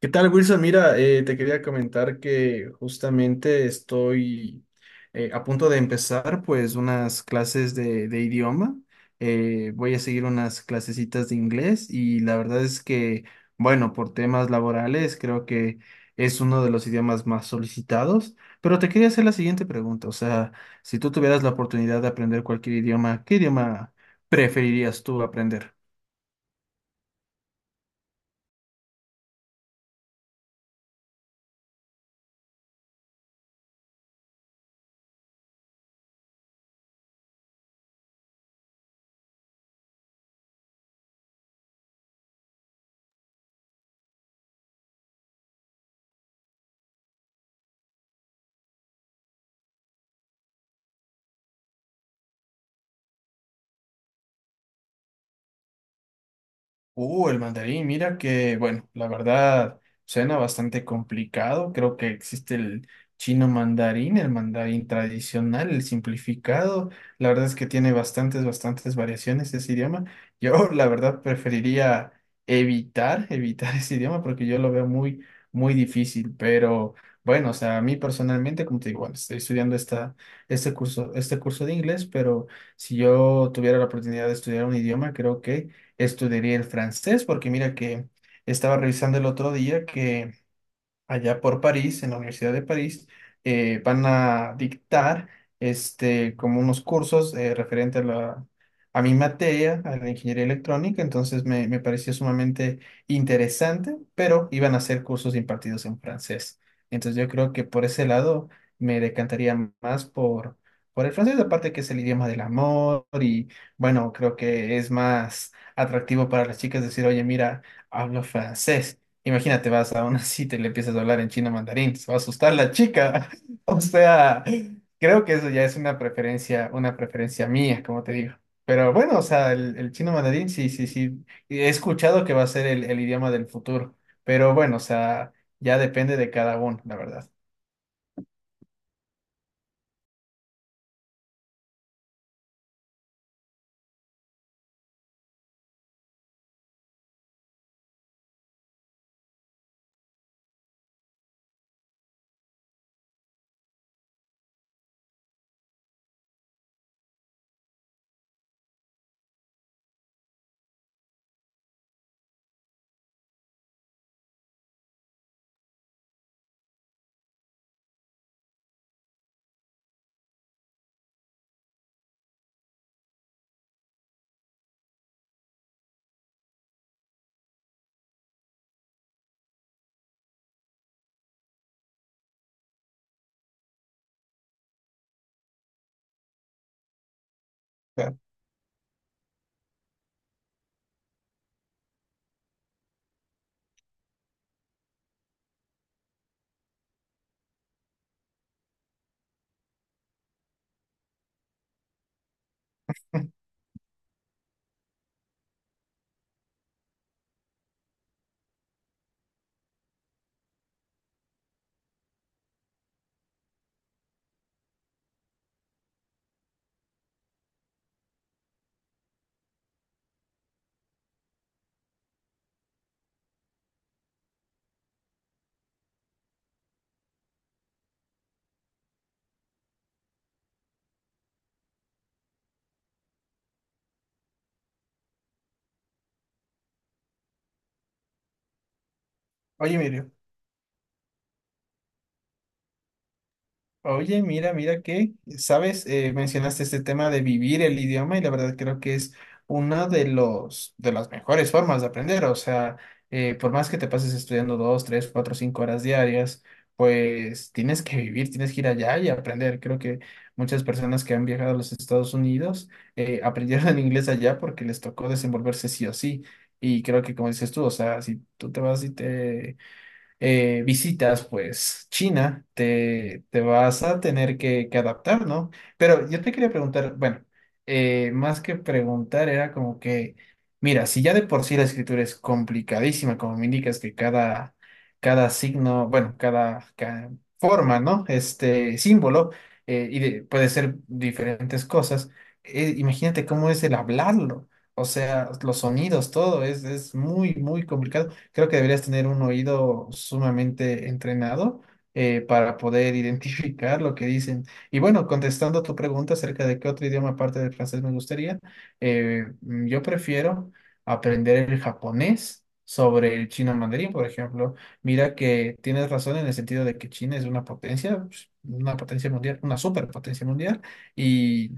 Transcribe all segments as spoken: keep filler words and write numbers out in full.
¿Qué tal, Wilson? Mira, eh, te quería comentar que justamente estoy eh, a punto de empezar pues unas clases de, de idioma. Eh, voy a seguir unas clasecitas de inglés y la verdad es que, bueno, por temas laborales creo que es uno de los idiomas más solicitados. Pero te quería hacer la siguiente pregunta, o sea, si tú tuvieras la oportunidad de aprender cualquier idioma, ¿qué idioma preferirías tú aprender? Uh, el mandarín, mira que, bueno, la verdad suena bastante complicado. Creo que existe el chino mandarín, el mandarín tradicional, el simplificado. La verdad es que tiene bastantes, bastantes variaciones ese idioma. Yo, la verdad, preferiría evitar, evitar ese idioma porque yo lo veo muy, muy difícil. Pero bueno, o sea, a mí personalmente, como te digo, bueno, estoy estudiando esta, este curso, este curso de inglés, pero si yo tuviera la oportunidad de estudiar un idioma, creo que estudiaría el francés, porque mira que estaba revisando el otro día que allá por París, en la Universidad de París, eh, van a dictar este, como unos cursos eh, referente a la, a mi materia, a la ingeniería electrónica, entonces me, me pareció sumamente interesante, pero iban a ser cursos impartidos en francés. Entonces yo creo que por ese lado me decantaría más por, por el francés, aparte que es el idioma del amor y bueno, creo que es más atractivo para las chicas decir, oye, mira, hablo francés. Imagínate, vas a una cita y le empiezas a hablar en chino mandarín, se va a asustar la chica. O sea, creo que eso ya es una preferencia, una preferencia mía, como te digo. Pero bueno, o sea, el, el chino mandarín, sí, sí, sí. He escuchado que va a ser el, el idioma del futuro. Pero bueno, o sea, ya depende de cada uno, la verdad. Claro. Oye, Mirio. Oye, mira, mira que, sabes, Eh, mencionaste este tema de vivir el idioma y la verdad creo que es una de los, de las mejores formas de aprender. O sea, eh, por más que te pases estudiando dos, tres, cuatro, cinco horas diarias, pues tienes que vivir, tienes que ir allá y aprender. Creo que muchas personas que han viajado a los Estados Unidos eh, aprendieron inglés allá porque les tocó desenvolverse sí o sí. Y creo que como dices tú, o sea, si tú te vas y te eh, visitas pues China, te, te vas a tener que, que adaptar, ¿no? Pero yo te quería preguntar, bueno, eh, más que preguntar era como que, mira, si ya de por sí la escritura es complicadísima, como me indicas que cada, cada signo, bueno, cada, ca- forma, ¿no? Este símbolo, eh, y de- puede ser diferentes cosas, eh, imagínate cómo es el hablarlo. O sea, los sonidos, todo es, es muy, muy complicado creo que deberías tener un oído sumamente entrenado eh, para poder identificar lo que dicen. Y bueno, contestando tu pregunta acerca de qué otro idioma aparte del francés me gustaría, eh, mm, yo prefiero aprender el japonés sobre el chino mandarín, por ejemplo. Mira que tienes razón en el sentido de que China es una potencia, pues, una potencia mundial, una superpotencia mundial, y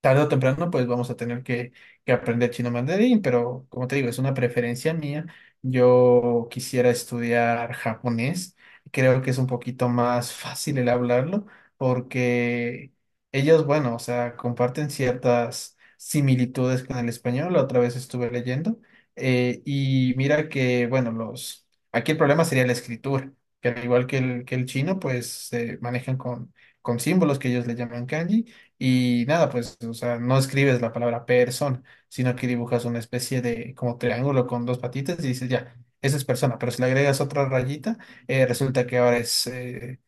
tarde o temprano, pues vamos a tener que, que aprender chino mandarín, pero como te digo, es una preferencia mía. Yo quisiera estudiar japonés. Creo que es un poquito más fácil el hablarlo porque ellos, bueno, o sea, comparten ciertas similitudes con el español. La otra vez estuve leyendo eh, y mira que, bueno, los... Aquí el problema sería la escritura, que al igual que el, que el chino, pues se manejan con, con símbolos que ellos le llaman kanji y nada, pues, o sea, no escribes la palabra persona, sino que dibujas una especie de como triángulo con dos patitas y dices, ya, eso es persona, pero si le agregas otra rayita, eh, resulta que ahora es eh,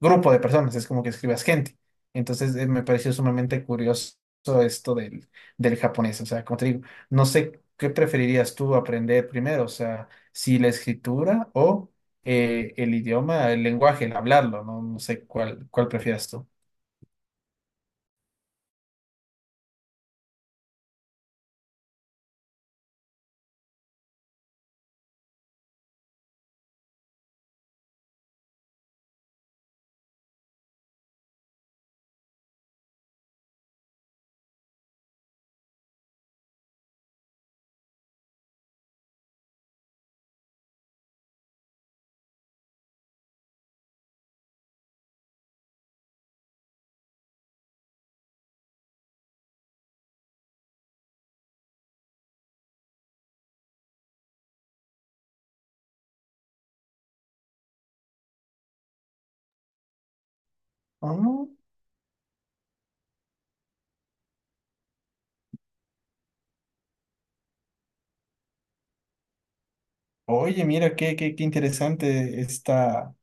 grupo de personas, es como que escribas gente. Entonces, eh, me pareció sumamente curioso esto del, del japonés, o sea, como te digo, no sé qué preferirías tú aprender primero, o sea, si la escritura o eh, el idioma, el lenguaje, el hablarlo, no, no sé cuál, cuál prefieras tú. Ah. Oye, mira, qué, qué, qué interesante está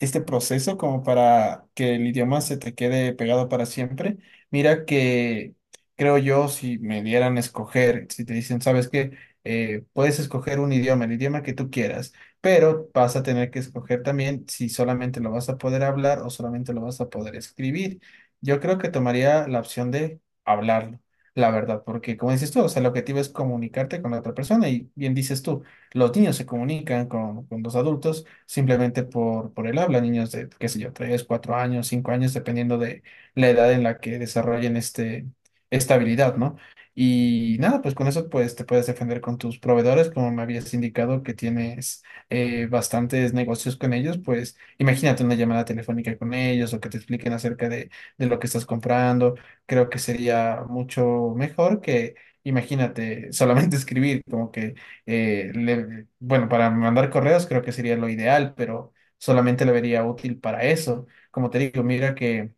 este proceso como para que el idioma se te quede pegado para siempre. Mira que creo yo, si me dieran a escoger, si te dicen, sabes que puedes escoger un idioma, el idioma que tú quieras, pero vas a tener que escoger también si solamente lo vas a poder hablar o solamente lo vas a poder escribir. Yo creo que tomaría la opción de hablarlo. La verdad, porque como dices tú, o sea, el objetivo es comunicarte con la otra persona y bien dices tú, los niños se comunican con con los adultos simplemente por, por el habla, niños de, qué sé yo, tres cuatro años, cinco años, dependiendo de la edad en la que desarrollen este, esta habilidad, ¿no? Y nada, pues con eso pues te puedes defender con tus proveedores, como me habías indicado que tienes eh, bastantes negocios con ellos, pues imagínate una llamada telefónica con ellos o que te expliquen acerca de, de lo que estás comprando, creo que sería mucho mejor que, imagínate, solamente escribir, como que eh, le- bueno, para mandar correos creo que sería lo ideal, pero solamente lo vería útil para eso. Como te digo, mira que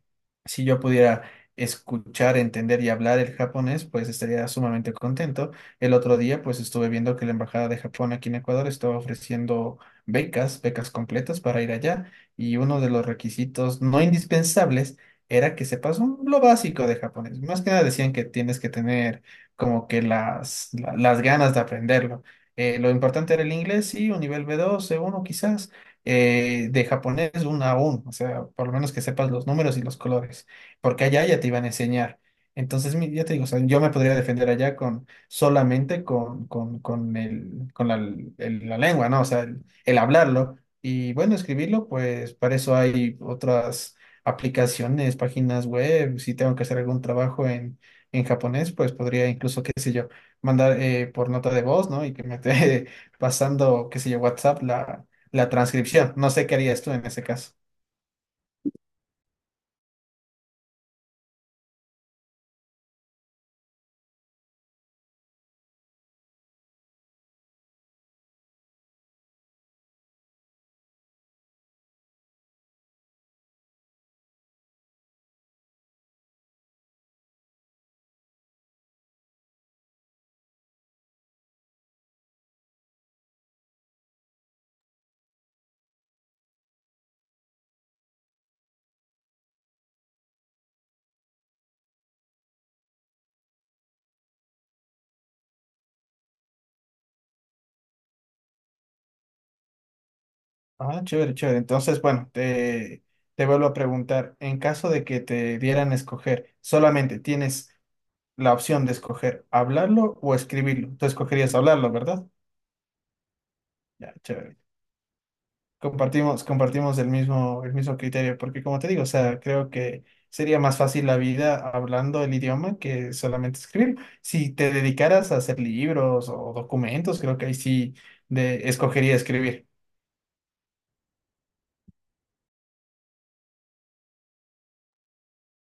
si yo pudiera escuchar, entender y hablar el japonés, pues estaría sumamente contento. El otro día, pues estuve viendo que la Embajada de Japón aquí en Ecuador estaba ofreciendo becas, becas completas para ir allá, y uno de los requisitos no indispensables era que sepas un- lo básico de japonés. Más que nada decían que tienes que tener como que las, la- las ganas de aprenderlo. Eh, lo importante era el inglés, sí, un nivel b dos, c uno quizás, eh, de japonés un a uno, o sea, por lo menos que sepas los números y los colores, porque allá ya te iban a enseñar. Entonces, mi- ya te digo, o sea, yo me podría defender allá con solamente con, con, con el, con la, el- la lengua, ¿no? O sea, el, el hablarlo. Y bueno, escribirlo, pues para eso hay otras aplicaciones, páginas web. Si tengo que hacer algún trabajo en, en japonés, pues podría incluso, qué sé yo mandar eh, por nota de voz, ¿no? Y que me esté pasando, qué sé yo, WhatsApp la, la transcripción. No sé qué harías tú en ese caso. Ah, chévere, chévere. Entonces, bueno, te, te vuelvo a preguntar, en caso de que te dieran a escoger, solamente tienes la opción de escoger hablarlo o escribirlo. Tú escogerías hablarlo, ¿verdad? Ya, chévere. Compartimos, compartimos el mismo, el mismo criterio, porque como te digo, o sea, creo que sería más fácil la vida hablando el idioma que solamente escribir. Si te dedicaras a hacer libros o documentos, creo que ahí sí de, escogería escribir.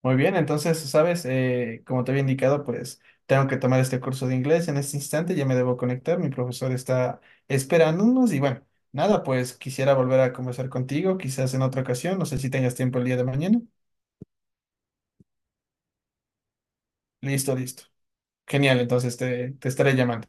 Muy bien, entonces, sabes, Eh, como te había indicado, pues tengo que tomar este curso de inglés en este instante, ya me debo conectar, mi profesor está esperándonos y bueno, nada, pues quisiera volver a conversar contigo, quizás en otra ocasión, no sé si tengas tiempo el día de mañana. Listo, listo. Genial, entonces te, te estaré llamando.